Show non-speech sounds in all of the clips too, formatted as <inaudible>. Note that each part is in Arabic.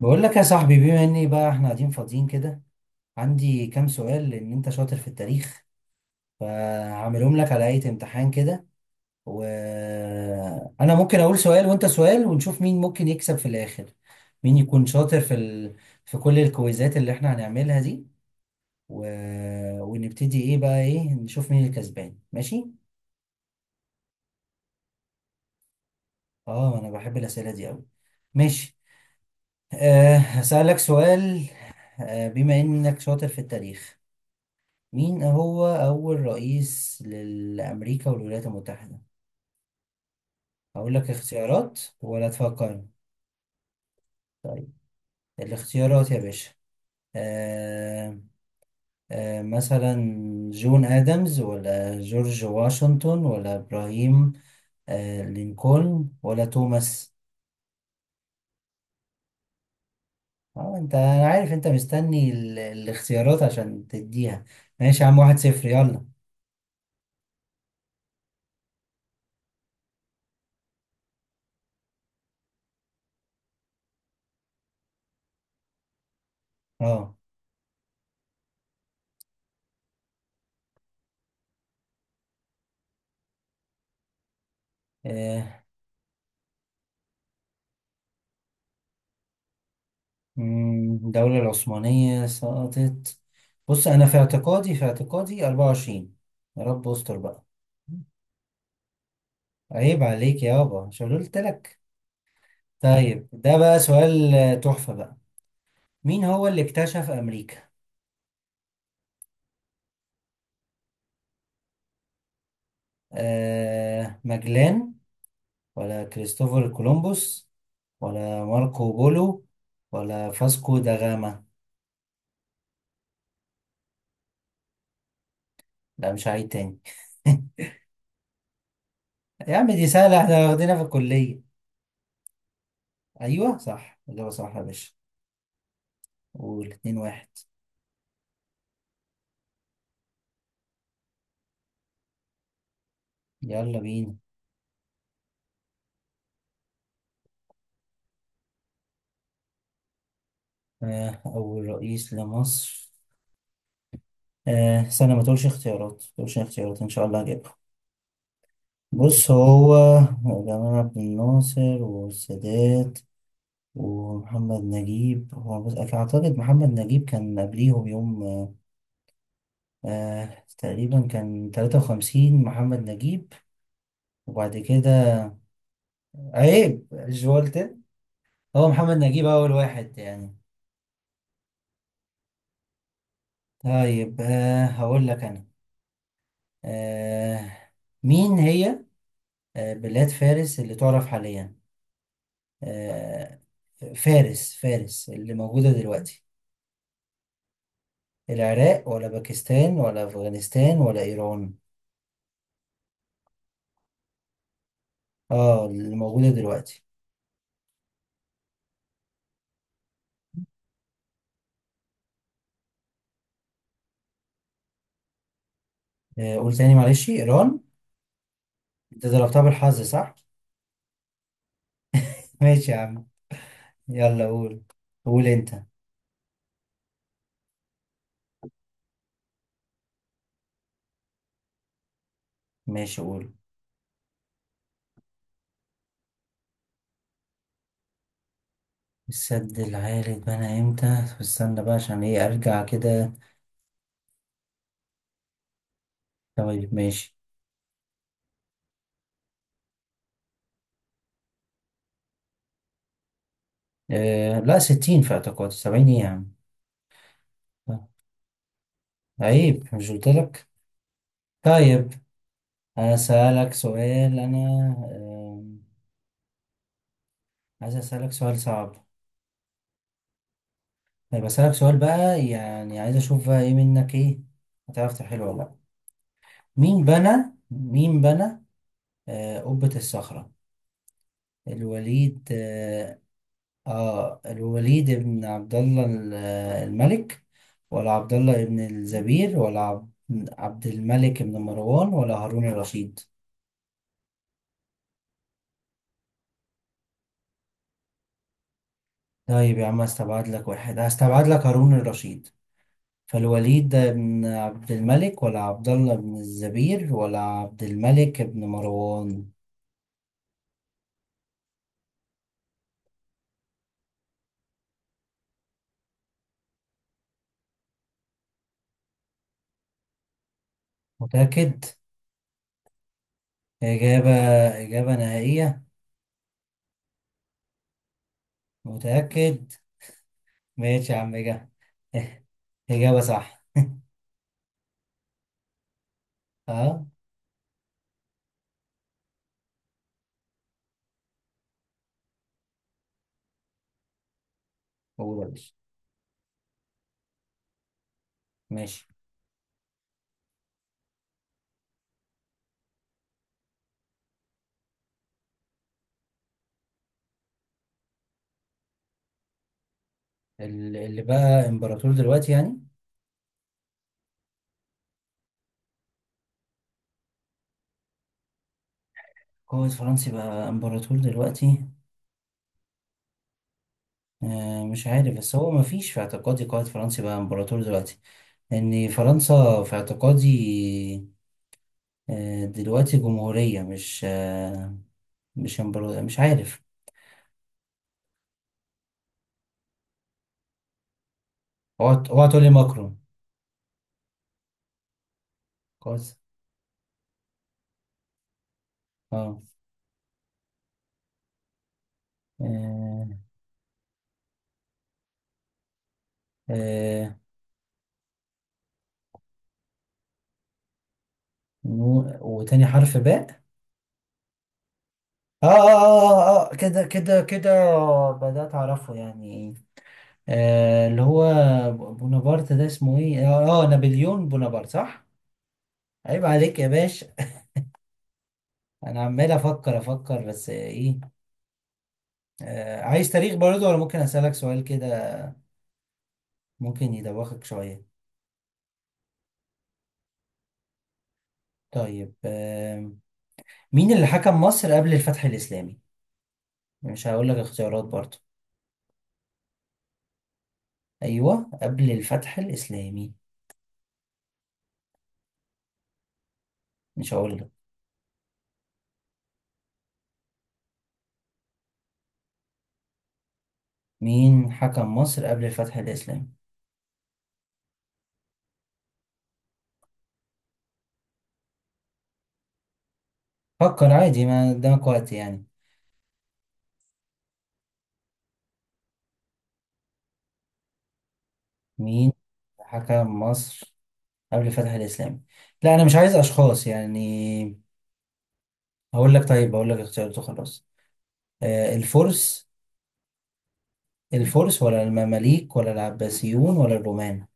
بقول لك يا صاحبي، بما اني بقى احنا قاعدين فاضيين كده. عندي كام سؤال لان انت شاطر في التاريخ، فهعملهم لك على هيئة امتحان كده. وانا ممكن اقول سؤال وانت سؤال، ونشوف مين ممكن يكسب في الاخر. مين يكون شاطر في كل الكويزات اللي احنا هنعملها دي. و... ونبتدي ايه، نشوف مين الكسبان. ماشي. اه، انا بحب الاسئلة دي قوي. ماشي. هسألك سؤال. بما انك شاطر في التاريخ، مين هو أول رئيس لأمريكا والولايات المتحدة؟ أقول لك اختيارات ولا تفكر؟ طيب، الاختيارات يا باشا. آه. مثلا جون آدمز، ولا جورج واشنطن، ولا إبراهيم لينكولن، ولا توماس؟ اه، انا عارف انت مستني الاختيارات عشان تديها. ماشي يا عم، 1-0، يلا. اه. آه. الدولة العثمانية سقطت. بص، أنا في اعتقادي 24. يا رب استر بقى. عيب عليك يابا، مش أنا قلت لك؟ طيب ده بقى سؤال تحفة بقى. مين هو اللي اكتشف أمريكا؟ ماجلان، ولا كريستوفر كولومبوس، ولا ماركو بولو، ولا فاسكو دا غاما؟ لا، مش عيد تاني. <laughs> يا عم دي سهلة، احنا واخدينها في الكلية. أيوه صح، إجابة صح يا باشا. قول، 2-1. يلا بينا. أول رئيس لمصر. استنى، ما تقولش اختيارات، ما تقولش اختيارات، إن شاء الله هجيبها. بص، هو جمال عبد الناصر والسادات ومحمد نجيب. هو بص أعتقد محمد نجيب كان قبليهم بيوم. تقريبا كان 53 محمد نجيب، وبعد كده. عيب، مش قلت؟ هو محمد نجيب أول واحد يعني. طيب، هقول لك أنا. آه. مين هي بلاد فارس اللي تعرف حاليا؟ آه، فارس، فارس اللي موجودة دلوقتي. العراق، ولا باكستان، ولا أفغانستان، ولا إيران؟ اه، اللي موجودة دلوقتي. قول تاني معلش. إيران. انت ضربتها بالحظ صح؟ <laughs> ماشي يا عم. يلا قول. قول انت. ماشي قول. السد العالي اتبنى امتى؟ طب استنى بقى، عشان ايه ارجع كده. طيب ماشي. لا، 60 في اعتقادي، 70 ايه يا عم. عيب، مش قلتلك؟ طيب هسألك سؤال أنا. آم، عايز أسألك سؤال صعب. طيب أسألك سؤال بقى، يعني عايز أشوف بقى إيه منك، إيه، هتعرف تحله ولا لأ. مين بنى مين بنى قبة الصخرة؟ الوليد. الوليد ابن عبد الله الملك، ولا عبد الله ابن الزبير، ولا عبد الملك ابن مروان، ولا هارون الرشيد؟ طيب يا عم هستبعد لك واحد، هستبعد لك هارون الرشيد. فالوليد ده بن عبد الملك، ولا عبد الله بن الزبير، ولا عبد الملك بن مروان؟ متأكد؟ إجابة؟ إجابة نهائية؟ متأكد؟ ماشي يا عم، إجابة. <laughs> إجابة صح. أه. هو ده. ماشي. اللي بقى إمبراطور دلوقتي يعني؟ قائد فرنسي بقى إمبراطور دلوقتي؟ مش عارف، بس هو مفيش في اعتقادي قائد فرنسي بقى إمبراطور دلوقتي. لأن فرنسا في اعتقادي دلوقتي جمهورية، مش مش مش عارف. اوعى، اوعى تقولي ماكرون. كويس. اه. آه. آه، وتاني حرف باء. اه، اه، اه، اه، كده، كده، كده. بدأت أعرفه يعني. اللي هو بونابرت ده اسمه ايه، نابليون بونابرت صح. عيب عليك يا باشا. انا عمال افكر، افكر بس ايه. عايز تاريخ برضه، ولا ممكن اسألك سؤال كده؟ ممكن يدوخك شوية. طيب، مين اللي حكم مصر قبل الفتح الإسلامي؟ مش هقول لك اختيارات برضه. أيوه، قبل الفتح الإسلامي. مش هقول لك. مين حكم مصر قبل الفتح الإسلامي؟ فكر عادي، ما قدامك وقت يعني. مين حكم مصر قبل الفتح الإسلامي؟ لا، أنا مش عايز أشخاص يعني. هقول لك طيب هقول لك اختيارات وخلاص. الفرس الفرس، ولا المماليك، ولا العباسيون، ولا الرومان؟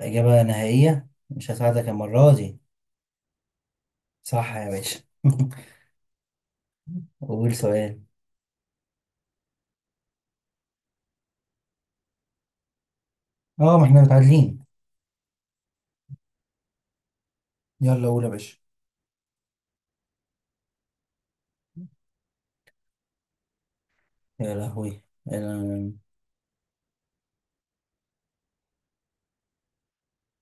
إجابة نهائية، مش هساعدك المرة دي. صح يا باشا. <laughs> قول سؤال. اه، ما احنا متعادلين. يلا قول يا باشا. يا لهوي يلا.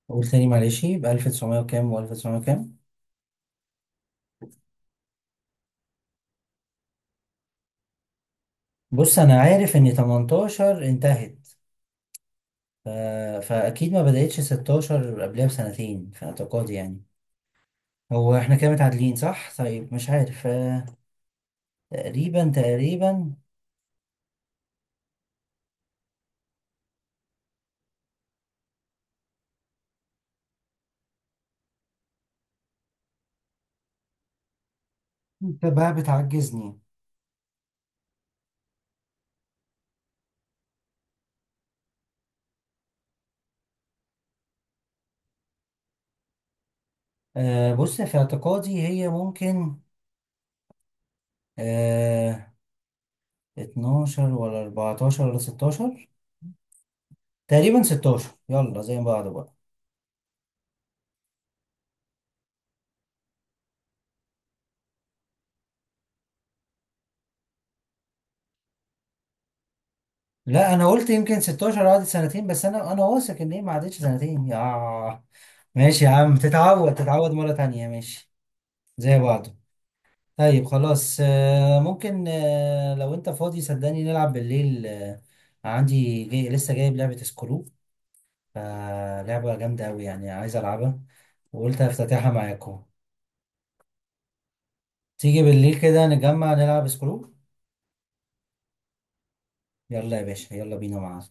قول تاني معلش، يبقى 1900 وكام و1900 وكام. بص انا عارف ان 18 انتهت. ف... فاكيد ما بدأتش 16، قبلها بسنتين في اعتقادي يعني. هو احنا كده متعادلين صح؟ طيب مش عارف، تقريبا، تقريبا. انت بقى بتعجزني. بص في اعتقادي هي ممكن آه 12 ولا 14 ولا 16. تقريبا 16، يلا زي بعض بقى. لا، انا قلت يمكن 16 قعدت سنتين، بس انا واثق ان هي ما عدتش سنتين يا. ماشي يا عم، تتعود مرة تانية. ماشي، زي بعضه. طيب خلاص، ممكن لو انت فاضي صدقني نلعب بالليل عندي جاي لسه جايب لعبة سكرو، فلعبة جامدة أوي يعني عايز ألعبها، وقلت أفتتحها معاكم. تيجي بالليل كده نجمع نلعب سكرو. يلا يا باشا، يلا بينا مع